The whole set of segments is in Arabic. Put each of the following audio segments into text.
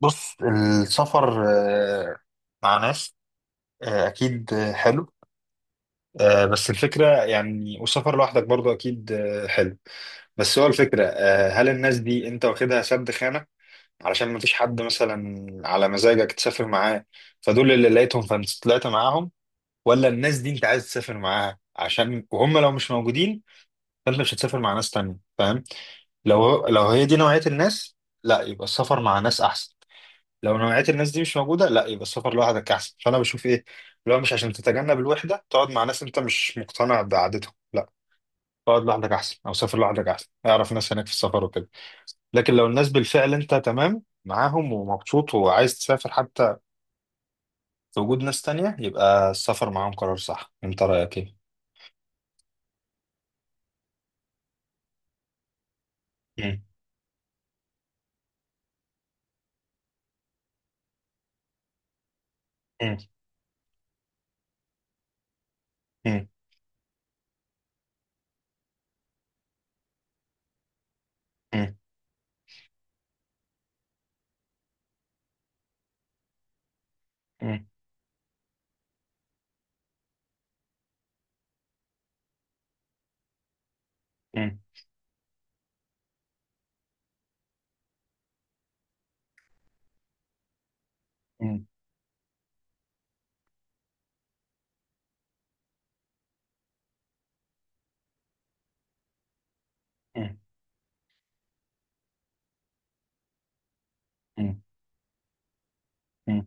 بص، السفر مع ناس. أكيد. حلو. بس الفكرة يعني، والسفر لوحدك برضو أكيد. حلو. بس هو الفكرة، هل الناس دي أنت واخدها سد خانة علشان مفيش حد مثلا على مزاجك تسافر معاه، فدول اللي لقيتهم فأنت طلعت معاهم، ولا الناس دي أنت عايز تسافر معاها عشان، وهم لو مش موجودين فأنت مش هتسافر مع ناس تانية، فاهم؟ لو هي دي نوعية الناس، لا، يبقى السفر مع ناس أحسن. لو نوعية الناس دي مش موجودة، لا، يبقى السفر لوحدك أحسن. فأنا بشوف إيه، لو مش عشان تتجنب الوحدة تقعد مع ناس أنت مش مقتنع بعادتهم، لا، اقعد لوحدك أحسن، أو سافر لوحدك أحسن، أعرف ناس هناك في السفر وكده. لكن لو الناس بالفعل أنت تمام معاهم ومبسوط وعايز تسافر حتى في وجود ناس تانية، يبقى السفر معاهم قرار صح. أنت رأيك إيه؟ مم. مم. مم. مم. مم. مم. مم. مم. مم.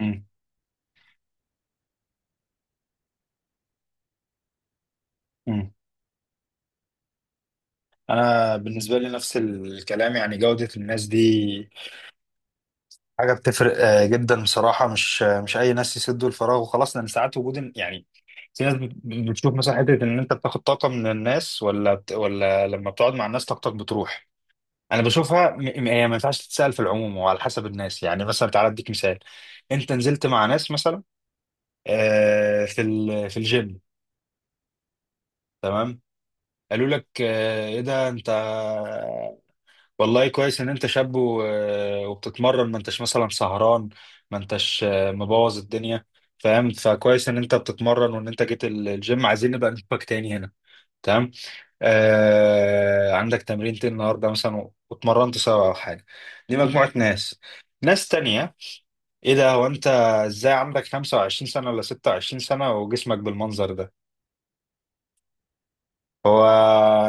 مم. مم. أنا بالنسبة لي نفس الكلام، يعني جودة الناس دي حاجة بتفرق جدا. بصراحة مش أي ناس يسدوا الفراغ وخلاص، لأن ساعات وجود يعني، في ناس بتشوف مثلا حتة إن أنت بتاخد طاقة من الناس، ولا لما بتقعد مع الناس طاقتك بتروح. أنا بشوفها هي ما ينفعش تتسأل في العموم، وعلى حسب الناس. يعني مثلا تعالى أديك مثال: أنت نزلت مع ناس مثلا في الجيم، تمام، قالوا لك إيه ده أنت، والله كويس ان انت شاب وبتتمرن، ما انتش مثلا سهران، ما انتش مبوظ الدنيا، فاهم؟ فكويس ان انت بتتمرن، وان انت جيت الجيم، عايزين نبقى نشوفك تاني هنا، تمام؟ عندك تمرينتين النهارده مثلا، واتمرنت سوا او حاجه. دي مجموعه ناس. ناس تانية: ايه ده، هو انت ازاي عندك 25 سنه ولا 26 سنه وجسمك بالمنظر ده؟ هو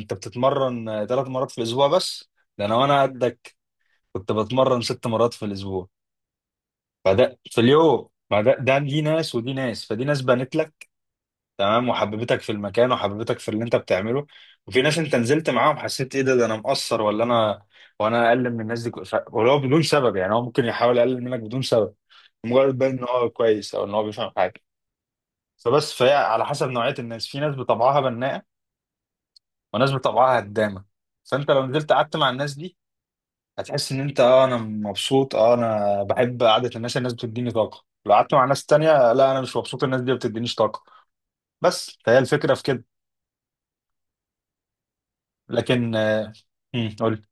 انت بتتمرن ثلاث مرات في الاسبوع بس؟ ده انا وانا قدك كنت بتمرن ست مرات في الاسبوع. فده في اليوم، ما ده ده دي ناس ودي ناس. فدي ناس بنت لك، تمام، وحببتك في المكان وحببتك في اللي انت بتعمله. وفي ناس انت نزلت معاهم حسيت ايه، ده انا مقصر ولا انا، وانا اقل من الناس دي، ولو بدون سبب. يعني هو ممكن يحاول يقلل منك بدون سبب، مجرد باين ان هو كويس او ان هو بيفهم حاجه. فبس فهي على حسب نوعيه الناس. في ناس بطبعها بناءه وناس بطبعها هدامه. فانت لو نزلت قعدت مع الناس دي هتحس ان انت، اه انا مبسوط، اه انا بحب قعده الناس، الناس بتديني طاقه. لو قعدت مع ناس تانية، لا انا مش مبسوط، الناس دي ما بتدينيش طاقه. بس فهي الفكره في كده. لكن قول.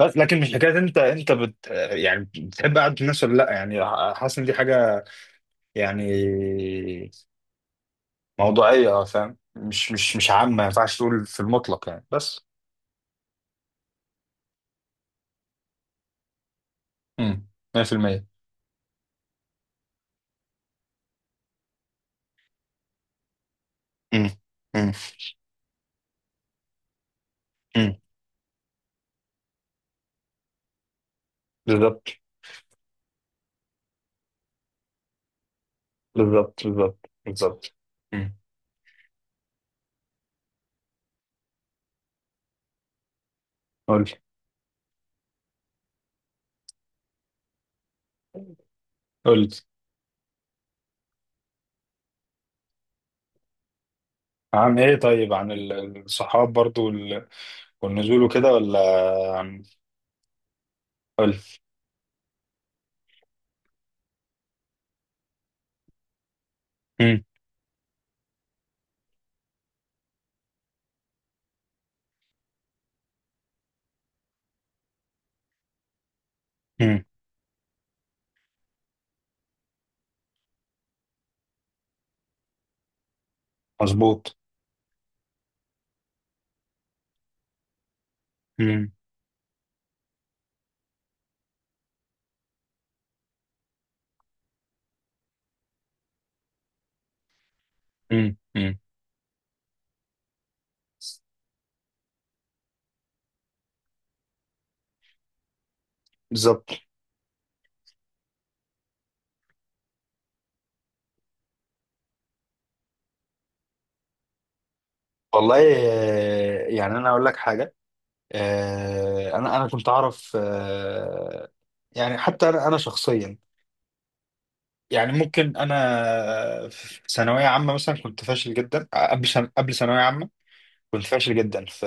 بس لكن مش حكايه انت، انت بت يعني بتحب قعده الناس ولا لا يعني، حاسس ان دي حاجه يعني موضوعيه، اه، فاهم؟ مش عامه، ما ينفعش تقول في المطلق يعني بس. امم. 100%. امم. امم. امم. بالظبط. بالظبط. بالظبط. بالظبط. امم قول. قول. عن ايه؟ طيب عن الصحاب برضو والنزول وكده ولا؟ عن، قول. مم. مم. مظبوط. مم. مم. مم. بالظبط. والله، يعني انا اقول لك حاجه، انا كنت اعرف. يعني حتى انا شخصيا، يعني ممكن انا في ثانويه عامه مثلا كنت فاشل جدا. قبل ثانويه عامه كنت فاشل جدا في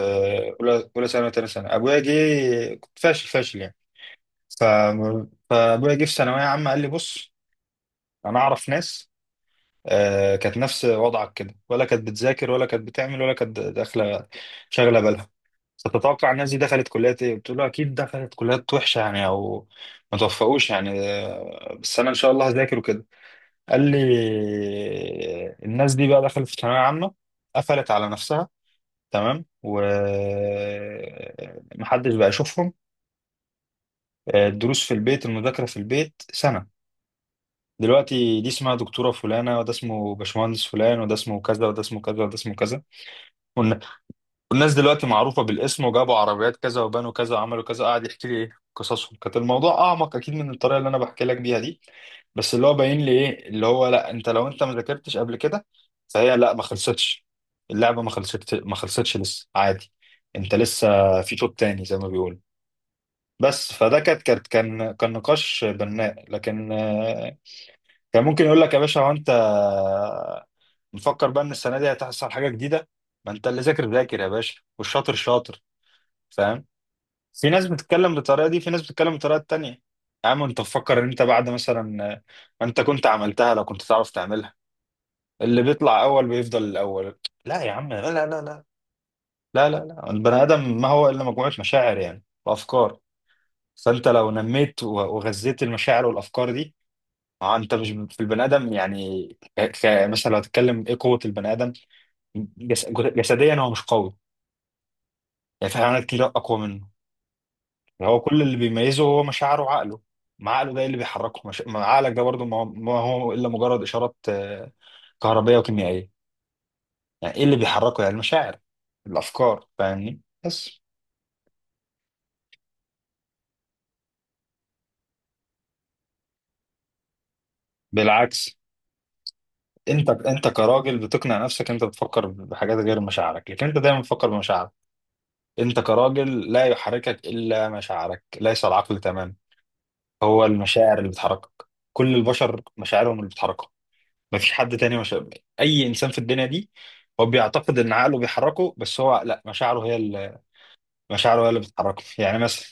اولى ثانوي وثانيه ثانوي. ابويا جه، كنت فاشل فاشل يعني. ابويا جه في ثانويه عامه قال لي بص، انا اعرف ناس كانت نفس وضعك كده، ولا كانت بتذاكر ولا كانت بتعمل ولا كانت داخله شاغله بالها. فتتوقع الناس دي دخلت كليات ايه؟ بتقول له اكيد دخلت كليات وحشه يعني او ما توفقوش يعني، بس انا ان شاء الله هذاكر وكده. قال لي، الناس دي بقى دخلت في ثانويه عامه قفلت على نفسها، تمام، ومحدش بقى يشوفهم. الدروس في البيت، المذاكره في البيت، سنه. دلوقتي دي اسمها دكتورة فلانة، وده اسمه باشمهندس فلان، وده اسمه كذا، وده اسمه كذا، وده اسمه كذا. والن- والناس دلوقتي معروفة بالاسم، وجابوا عربيات كذا، وبنوا كذا، وعملوا كذا. قاعد يحكي لي ايه قصصهم. كانت الموضوع أعمق أكيد من الطريقة اللي أنا بحكي لك بيها دي، بس اللي هو باين لي ايه، اللي هو، لا، أنت لو أنت ما ذاكرتش قبل كده، فهي لا، ما خلصتش اللعبة، ما خلصتش، ما خلصتش، لسه عادي، أنت لسه في شوط تاني زي ما بيقولوا. بس فده كان نقاش بناء. لكن كان ممكن يقول لك يا باشا، هو انت نفكر بقى ان السنه دي هتحصل حاجه جديده؟ ما انت اللي ذاكر ذاكر يا باشا، والشاطر شاطر، فاهم؟ في ناس بتتكلم بالطريقه دي، في ناس بتتكلم بالطريقه التانيه. يا عم انت تفكر ان انت بعد مثلا ما، انت كنت عملتها لو كنت تعرف تعملها. اللي بيطلع اول بيفضل الاول. لا يا عم، لا لا لا لا لا لا لا. البني ادم ما هو الا مجموعه مشاعر يعني وافكار. فانت لو نميت وغذيت المشاعر والافكار دي، اه، انت مش في البني ادم يعني. ك... مثلا لو هتتكلم ايه قوه البني ادم، جسديا هو مش قوي، يعني في حيوانات كتير اقوى منه. هو كل اللي بيميزه هو مشاعره وعقله. ما عقله ده اللي بيحركه. مش... ما عقلك ده برضه، ما هو الا مجرد اشارات كهربيه وكيميائيه. يعني ايه اللي بيحركه؟ يعني المشاعر، الافكار، فاهمني؟ بس. بالعكس. انت كراجل بتقنع نفسك انت بتفكر بحاجات غير مشاعرك، لكن انت دايما بتفكر بمشاعرك. انت كراجل لا يحركك الا مشاعرك، ليس العقل تماما. هو المشاعر اللي بتحركك. كل البشر مشاعرهم اللي بتحركهم، مفيش حد تاني. مشاعر اي انسان في الدنيا دي، هو بيعتقد ان عقله بيحركه، بس هو لا، مشاعره هي اللي مشاعره هي اللي بتحركه. يعني مثلا،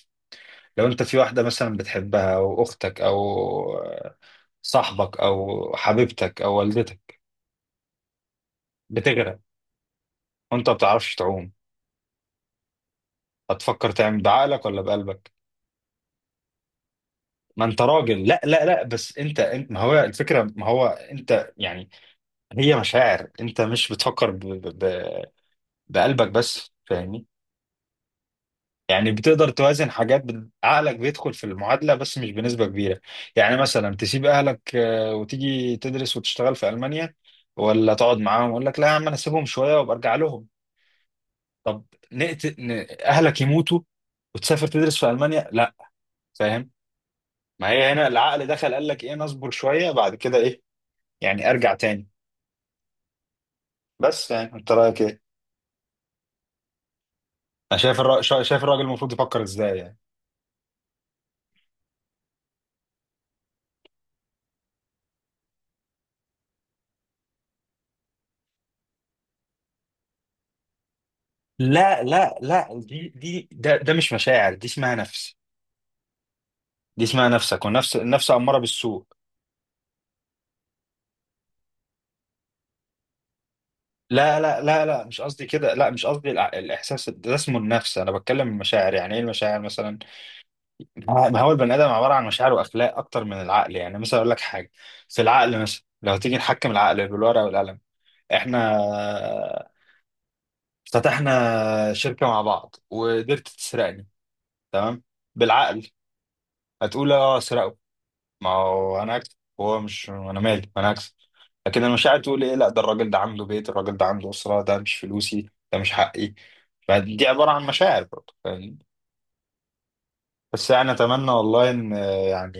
لو انت في واحده مثلا بتحبها، او اختك، او صاحبك، او حبيبتك، او والدتك، بتغرق، وانت ما بتعرفش تعوم، هتفكر تعمل بعقلك ولا بقلبك؟ ما انت راجل. لا لا لا، بس انت انت، ما هو الفكره، ما هو انت يعني، هي مشاعر، انت مش بتفكر بقلبك بس، فاهمني؟ يعني بتقدر توازن حاجات، عقلك بيدخل في المعادلة بس مش بنسبة كبيرة. يعني مثلا تسيب أهلك وتيجي تدرس وتشتغل في ألمانيا، ولا تقعد معاهم ويقول لك لا يا عم أنا أسيبهم شوية وبرجع لهم. طب أهلك يموتوا وتسافر تدرس في ألمانيا؟ لا، فاهم؟ ما هي هنا العقل دخل قال لك إيه، نصبر شوية بعد كده إيه، يعني أرجع تاني. بس يعني أنت رأيك إيه؟ أنا شايف شايف الراجل المفروض يفكر إزاي يعني. لا لا لا، دي دي ده ده مش مشاعر، دي اسمها نفس، دي اسمها نفسك، والنفس، النفس أمارة بالسوء. لا لا لا لا، مش قصدي كده، لا، مش قصدي الإحساس ده اسمه النفس. أنا بتكلم المشاعر، يعني إيه المشاعر؟ مثلا، ما هو البني آدم عبارة عن مشاعر وأخلاق أكتر من العقل. يعني مثلا أقول لك حاجة، في العقل مثلا، لو تيجي نحكم العقل بالورقة والقلم، إحنا افتتحنا شركة مع بعض وقدرت تسرقني، تمام، بالعقل هتقول اه سرقوا، ما هو انا اكسب، هو مش انا مالي انا اكسب. لكن المشاعر تقول ايه، لا ده الراجل ده عنده بيت، الراجل ده عنده اسره، ده مش فلوسي، ده مش حقي. فدي عباره عن مشاعر برضه، فاهمني؟ بس يعني اتمنى والله ان، آه، يعني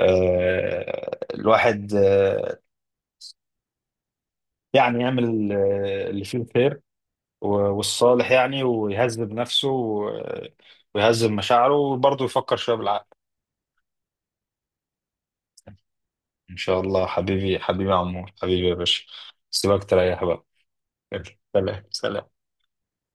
آه، الواحد، يعمل اللي فيه الخير و- والصالح يعني، ويهذب نفسه ويهذب مشاعره، وبرضه يفكر شويه بالعقل. ان شاء الله حبيبي، حبيبي يا عمور، حبيبي يا باشا. سيبك تريح بقى. سلام سلام.